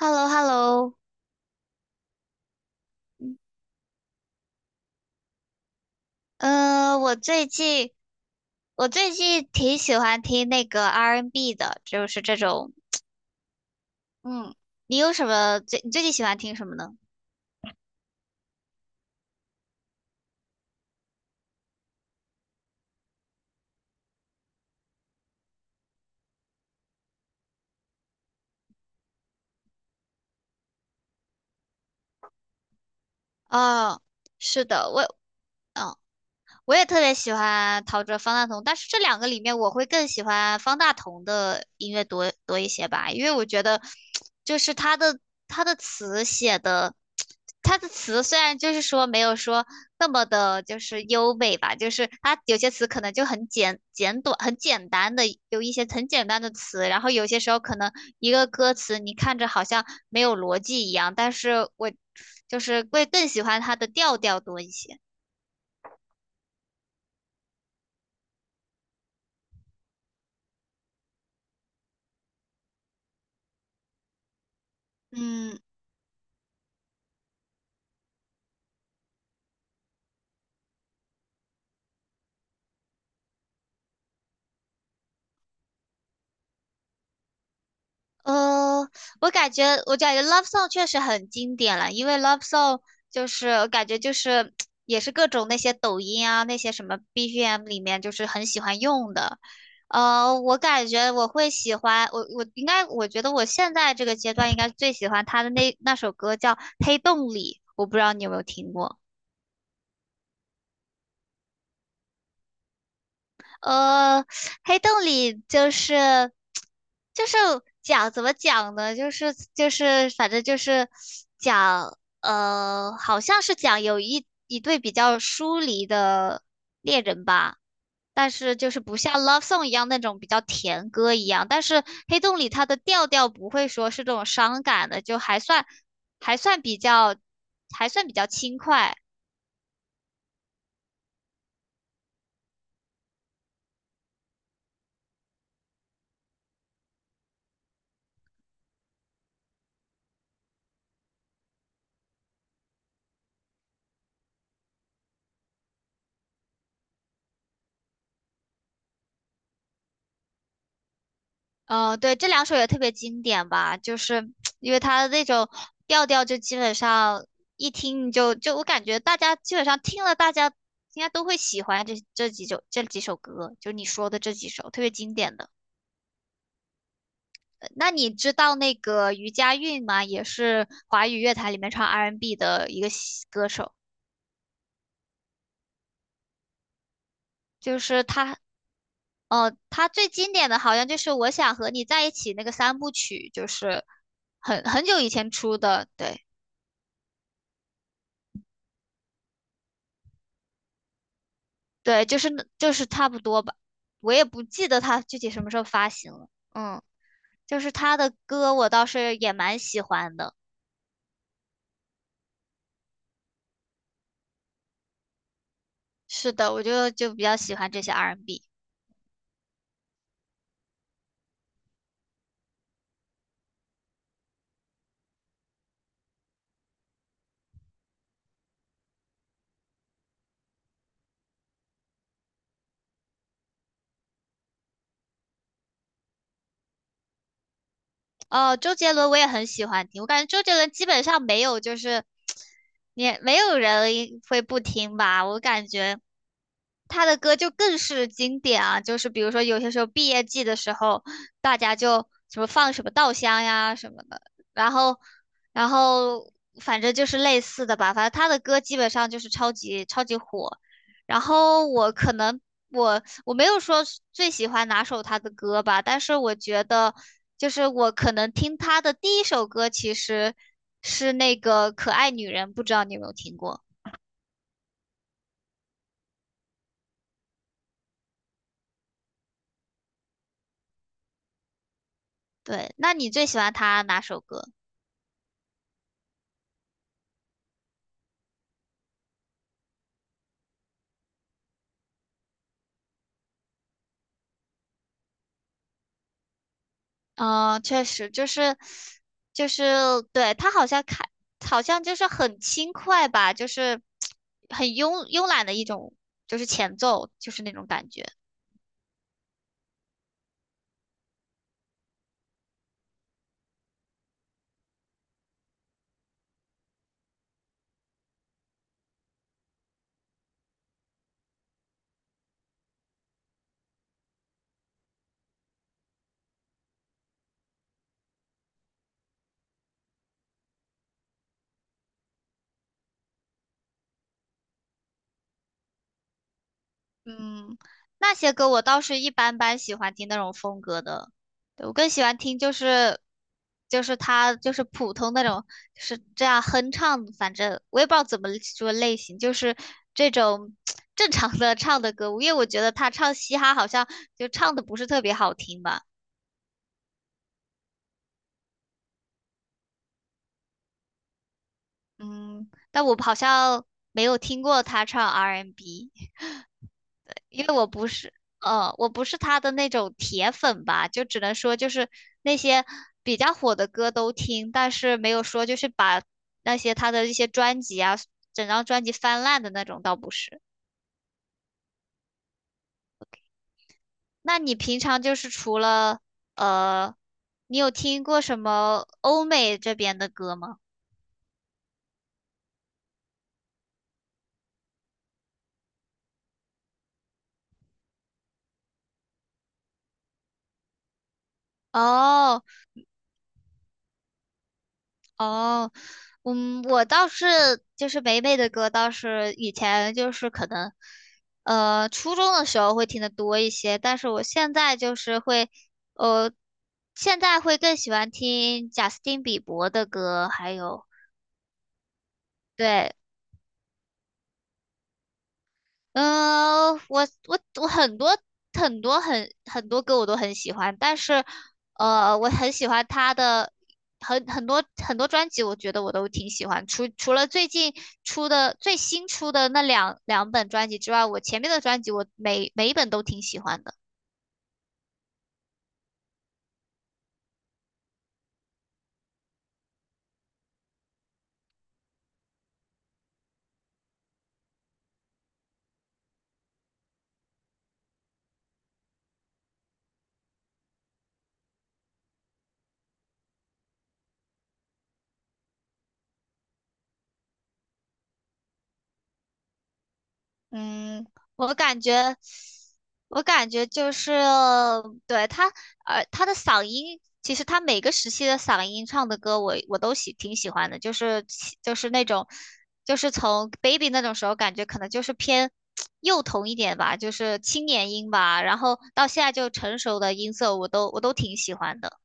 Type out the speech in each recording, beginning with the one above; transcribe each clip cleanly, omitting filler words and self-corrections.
h e l l o h e l l o 我最近我最近挺喜欢听那个 R&B n 的，就是这种。嗯，你有什么最你最近喜欢听什么呢？哦，是的，我，嗯、我也特别喜欢陶喆、方大同，但是这两个里面，我会更喜欢方大同的音乐多多一些吧。因为我觉得，就是他的他的词写的，他的词虽然就是说没有说那么的，就是优美吧，就是他有些词可能就很简简短、很简单的，有一些很简单的词。然后有些时候可能一个歌词你看着好像没有逻辑一样，但是我就是会更喜欢他的调调多一些。嗯，呃，我感觉，我感觉《Love Song》确实很经典了，因为《Love Song》就是我感觉就是也是各种那些抖音啊那些什么 BGM 里面就是很喜欢用的。我感觉我会喜欢我我应该我觉得我现在这个阶段应该最喜欢他的那首歌叫《黑洞里》，我不知道你有没有听过。呃，黑洞里就是就是讲怎么讲呢？就是反正就是讲好像是讲有一对比较疏离的恋人吧。但是就是不像《Love Song》一样那种比较甜歌一样，但是黑洞里它的调调不会说是这种伤感的，就还算还算比较还算比较轻快。嗯，呃对，这两首也特别经典吧，就是因为它的那种调调，就基本上一听你就我感觉大家基本上听了，大家应该都会喜欢这几首歌，就你说的这几首特别经典的。呃，那你知道那个余佳运吗？也是华语乐坛里面唱 R&B n 的一个西歌手，就是他。他最经典的好像就是《我想和你在一起》那个三部曲，就是很很久以前出的，对。对，就是那差不多吧，我也不记得他具体什么时候发行了。嗯，就是他的歌我倒是也蛮喜欢的。是的，我就比较喜欢这些 R&B。哦，周杰伦我也很喜欢听，我感觉周杰伦基本上没有就是，也没有人会不听吧。我感觉他的歌就更是经典啊。就是比如说有些时候毕业季的时候，大家就什么放什么稻香呀什么的，然后然后反正就是类似的吧，反正他的歌基本上就是超级超级火。然后我可能我没有说是最喜欢哪首他的歌吧，但是我觉得，就是我可能听他的第一首歌其实是那个《可爱女人》，不知道你有没有听过？对，那你最喜欢他哪首歌？嗯，确实就是就是对他好像开好像就是很轻快吧，就是很慵懒的一种就是前奏，就是那种感觉。嗯，那些歌我倒是一般般喜欢听那种风格的。对，我更喜欢听就是他就是普通那种，就是这样哼唱。反正我也不知道怎么说类型，就是这种 正常的唱的歌，因为我觉得他唱嘻哈好像就唱的不是特别好听吧。嗯，但我好像没有听过他唱 R&B n。因为我不是，我不是他的那种铁粉吧，就只能说就是那些比较火的歌都听，但是没有说就是把那些他的一些专辑啊，整张专辑翻烂的那种倒不是。那你平常就是除了呃，你有听过什么欧美这边的歌吗？哦。哦，嗯，我倒是就是霉霉的歌，倒是以前就是可能，初中的时候会听的多一些。但是我现在就是会，呃，现在会更喜欢听贾斯汀比伯的歌，还有对。嗯，我很多很多歌我都很喜欢，但是，我很喜欢他的很多专辑，我觉得我都挺喜欢。除了最近出的最新出的那两本专辑之外，我前面的专辑我每一本都挺喜欢的。嗯，我感觉，我感觉就是，对，他，他的嗓音，其实他每个时期的嗓音唱的歌我，我都挺喜欢的，就是就是那种，就是从 baby 那种时候，感觉可能就是偏幼童一点吧，就是青年音吧，然后到现在就成熟的音色，我都我都挺喜欢的。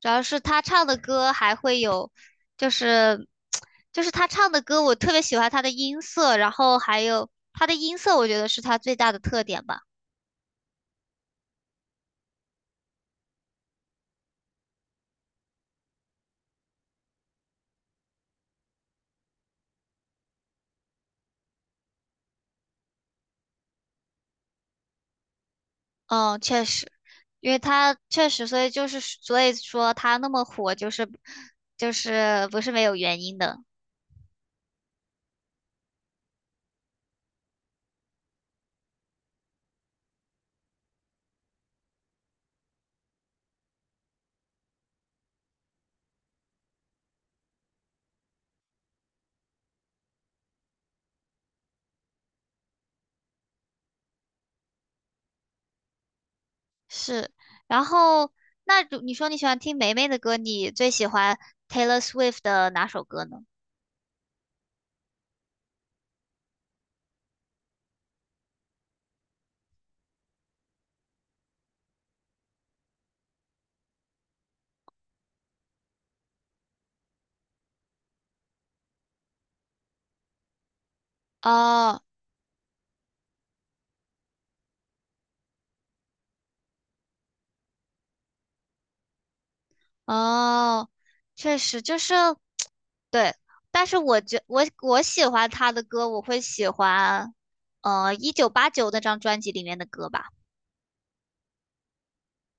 主要是他唱的歌还会有，就是就是他唱的歌，我特别喜欢他的音色，然后还有他的音色，我觉得是他最大的特点吧。嗯，确实，因为他确实，所以就是所以说他那么火，就是不是没有原因的，是。然后那如你说你喜欢听梅梅的歌，你最喜欢 Taylor Swift 的哪首歌呢？哦。哦，确实就是 对，但是我我喜欢他的歌，我会喜欢一九八九那张专辑里面的歌吧。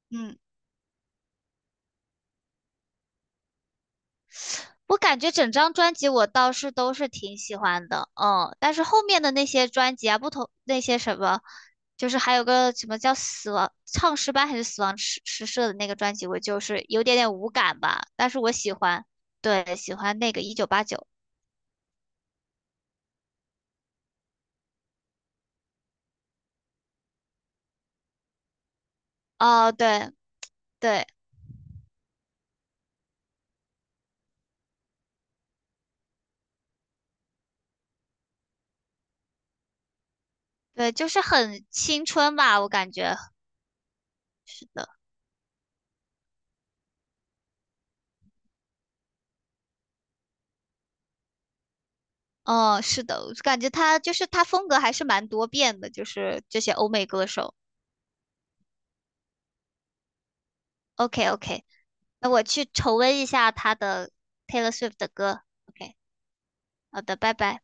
嗯，我感觉整张专辑我倒是都是挺喜欢的。嗯，但是后面的那些专辑啊，不同那些什么，就是还有个什么叫死亡唱诗班还是死亡诗社的那个专辑，我就是有点点无感吧，但是我喜欢，对，喜欢那个一九八九。哦，对。对，对，就是很青春吧，我感觉是的。哦，是的，我感觉他就是他风格还是蛮多变的，就是这些欧美歌手。OK OK，那我去重温一下他的 Taylor Swift 的歌。OK，好的，拜拜。